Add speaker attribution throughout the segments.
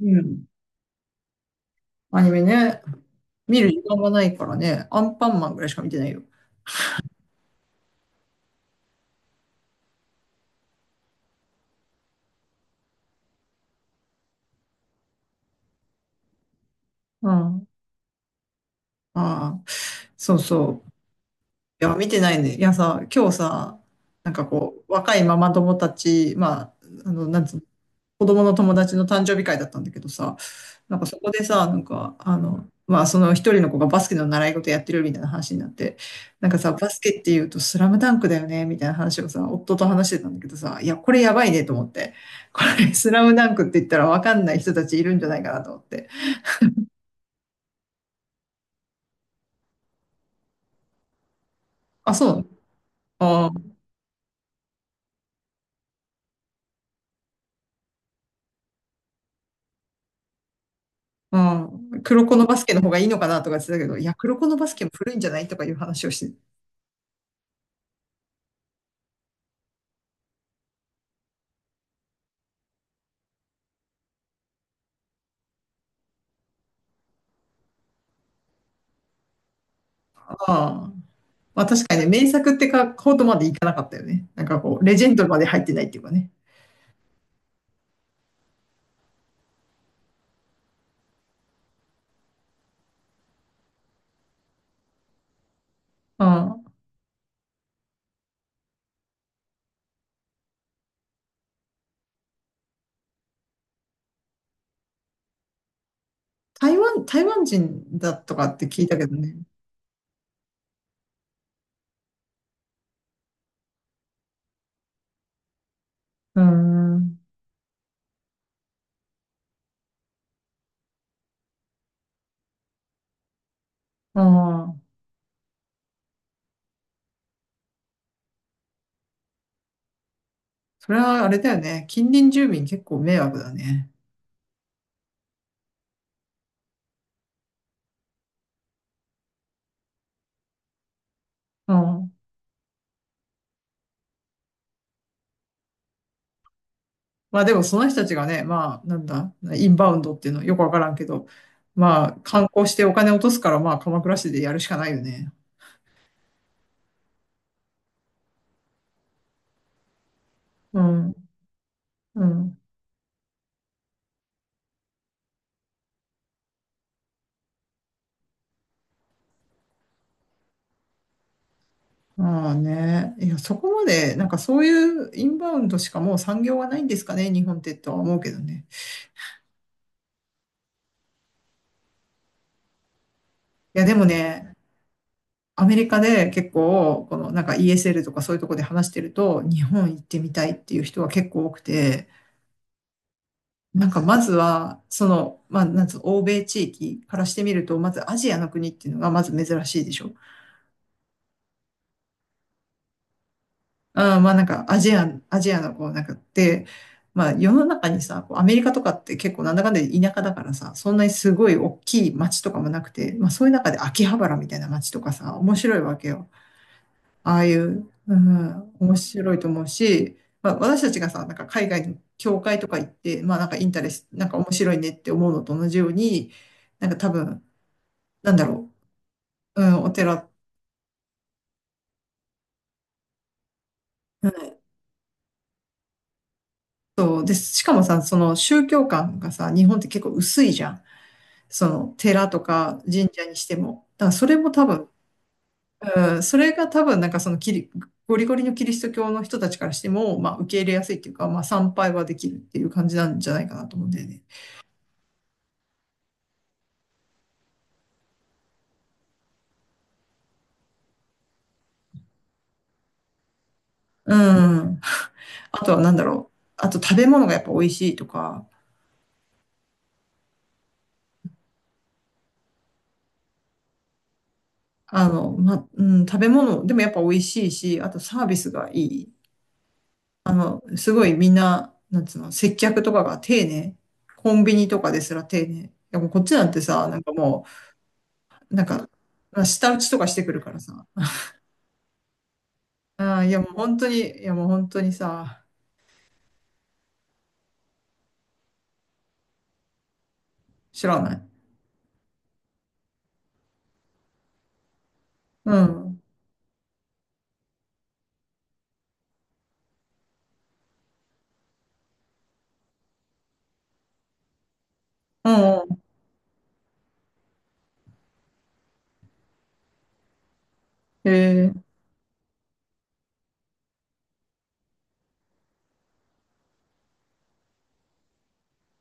Speaker 1: うん。アニメね。見る時間がないからね。アンパンマンぐらいしか見てないよ。うん。ああ、そうそう。いや、見てないね。いやさ、今日さ、なんかこう、若いママ友たち、まあ、あの、なんつうの、子供の友達の誕生日会だったんだけどさ、なんかそこでさ、まあその一人の子がバスケの習い事やってるみたいな話になって、なんかさ、バスケって言うとスラムダンクだよね、みたいな話をさ、夫と話してたんだけどさ、いや、これやばいねと思って。これスラムダンクって言ったらわかんない人たちいるんじゃないかなと思って。あ、そうああ、うん。黒子のバスケの方がいいのかなとか言ってたけど、いや、黒子のバスケも古いんじゃないとかいう話をしてた。ああ。まあ確かにね、名作ってか、ほどまでいかなかったよね。なんかこう、レジェンドまで入ってないっていうかね。うん。台湾人だとかって聞いたけどね。うーん。ああ。それはあれだよね。近隣住民結構迷惑だね。うん。まあでもその人たちがね、まあなんだ、インバウンドっていうのよくわからんけど、まあ観光してお金落とすからまあ鎌倉市でやるしかないよね。うん。うん。まあね。いや、そこまで、なんかそういうインバウンドしかもう産業がないんですかね、日本ってとは思うけどね。いや、でもね、アメリカで結構、このなんか ESL とかそういうとこで話してると、日本行ってみたいっていう人は結構多くて、なんかまずは、その、まあ、なんつうの、欧米地域からしてみると、まずアジアの国っていうのがまず珍しいでしょ。あーまあなんかアジアのこうなんかって、まあ世の中にさ、こうアメリカとかって結構なんだかんだで田舎だからさ、そんなにすごい大きい街とかもなくて、まあそういう中で秋葉原みたいな街とかさ、面白いわけよ。ああいう、うん、面白いと思うし、まあ、私たちがさ、なんか海外の教会とか行って、まあなんかインタレス、なんか面白いねって思うのと同じように、なんか多分、なんだろう、うん、お寺と、で、しかもさ、その宗教観がさ、日本って結構薄いじゃん。その寺とか神社にしても。だからそれも多分、うん、それが多分なんかそのキリ、ゴリゴリのキリスト教の人たちからしても、まあ受け入れやすいっていうか、まあ参拝はできるっていう感じなんじゃないかなと思うんだよね。うん。あとは何だろう。あと食べ物がやっぱ美味しいとか、うん、食べ物でもやっぱ美味しいし、あとサービスがいい。すごいみんな、なんつうの、接客とかが丁寧。コンビニとかですら丁寧。いやもうこっちなんてさ、なんかもう、舌打ちとかしてくるからさ。あー、いやもう本当にさ、知らない。うん。うん。えー、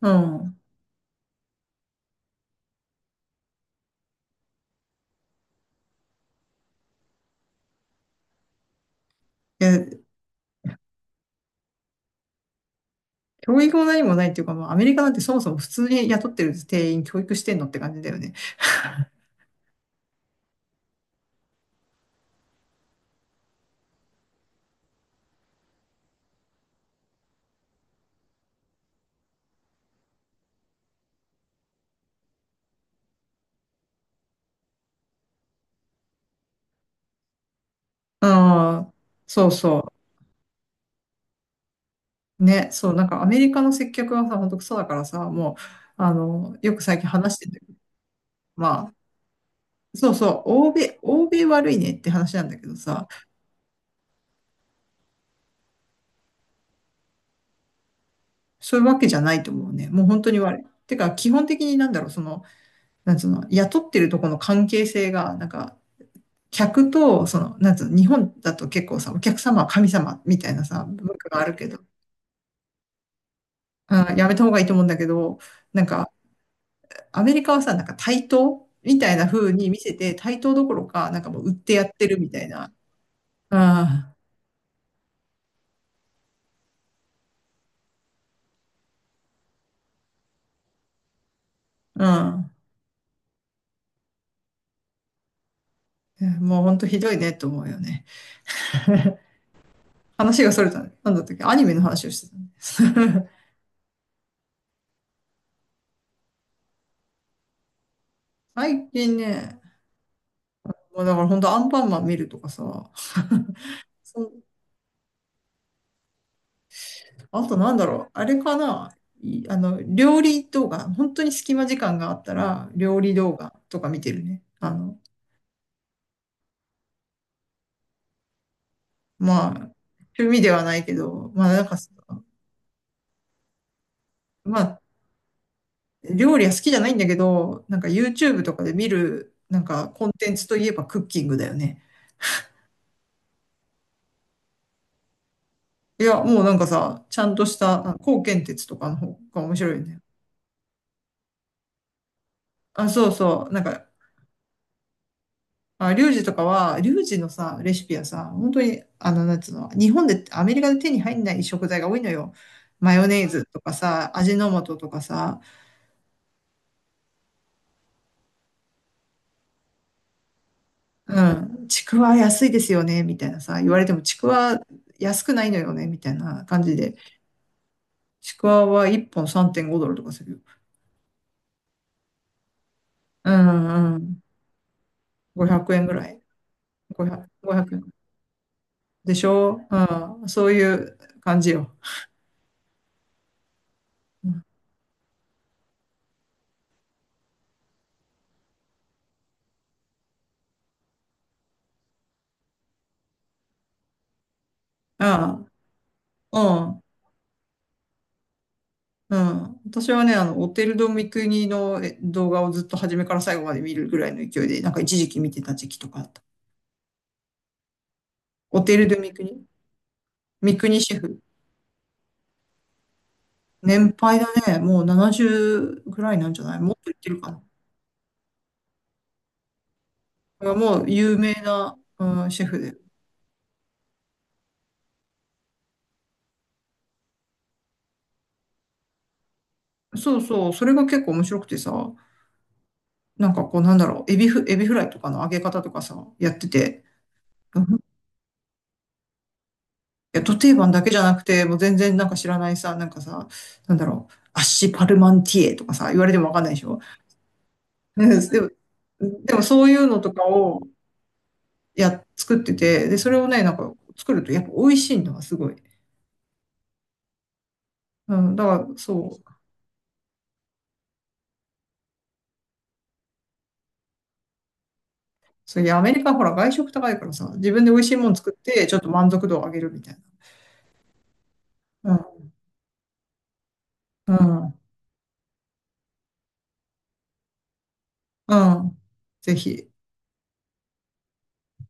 Speaker 1: うん。え教育も何もないっていうか、まあ、アメリカなんてそもそも普通に雇ってる定員教育してんのって感じだよね。うん、そうそう。ね、そう、なんかアメリカの接客はさ、ほんとクソだからさ、もう、よく最近話してんだけど、まあ、そうそう、欧米悪いねって話なんだけどさ、そういうわけじゃないと思うね。もう本当に悪い。てか、基本的になんだろう、その、なんつうの、雇ってるとこの関係性が、なんか、客と、その、なんつうの、日本だと結構さ、お客様は神様みたいなさ、文化があるけど、うん、やめた方がいいと思うんだけど、なんか、アメリカはさ、なんか対等みたいな風に見せて、対等どころか、なんかもう売ってやってるみたいな。うん、うん。もうほんとひどいねと思うよね。話がそれたね。なんだったっけアニメの話をしてたね。最近ね、もうだからほんとアンパンマン見るとかさ、そあとなんだろう、あれかな、いあの、料理動画、本当に隙間時間があったら、料理動画とか見てるね。まあ、趣味ではないけど、まあ、料理は好きじゃないんだけど、なんか YouTube とかで見る、なんかコンテンツといえばクッキングだよね。いや、もうなんかさ、ちゃんとした、高健鉄とかの方が面白いよね。あ、そうそう。なんか、あ、リュウジのさ、レシピはさ、本当に、あの、なんつうの、日本で、アメリカで手に入んない食材が多いのよ。マヨネーズとかさ、味の素とかさ、うん、ちくわ安いですよね、みたいなさ、言われても、ちくわ安くないのよね、みたいな感じで、ちくわは1本3.5ドルとかするよ。うんうん。500円ぐらい。500、5円。でしょうん。そういう感じよ。うんああ、うん、うん。私はね、オテル・ド・ミクニの動画をずっと初めから最後まで見るぐらいの勢いで、なんか一時期見てた時期とかあった。オテル・ド・ミクニミクニシェフ。年配だね。もう70ぐらいなんじゃない？もっといってるかな。もう有名な、うん、シェフで。そうそう、それが結構面白くてさ、なんかこうなんだろう、エビフライとかの揚げ方とかさ、やってて、うんいや、ド定番だけじゃなくて、もう全然なんか知らないさ、なんかさ、なんだろう、アッシュパルマンティエとかさ、言われてもわかんないでしょ。うんでもそういうのとかを作ってて、で、それをね、なんか作るとやっぱ美味しいんだわ、すごい。うん、だからそうそう、いや、アメリカほら外食高いからさ、自分で美味しいもの作って、ちょっと満足度を上げるみたいな。うん。うん。うん。ぜひ。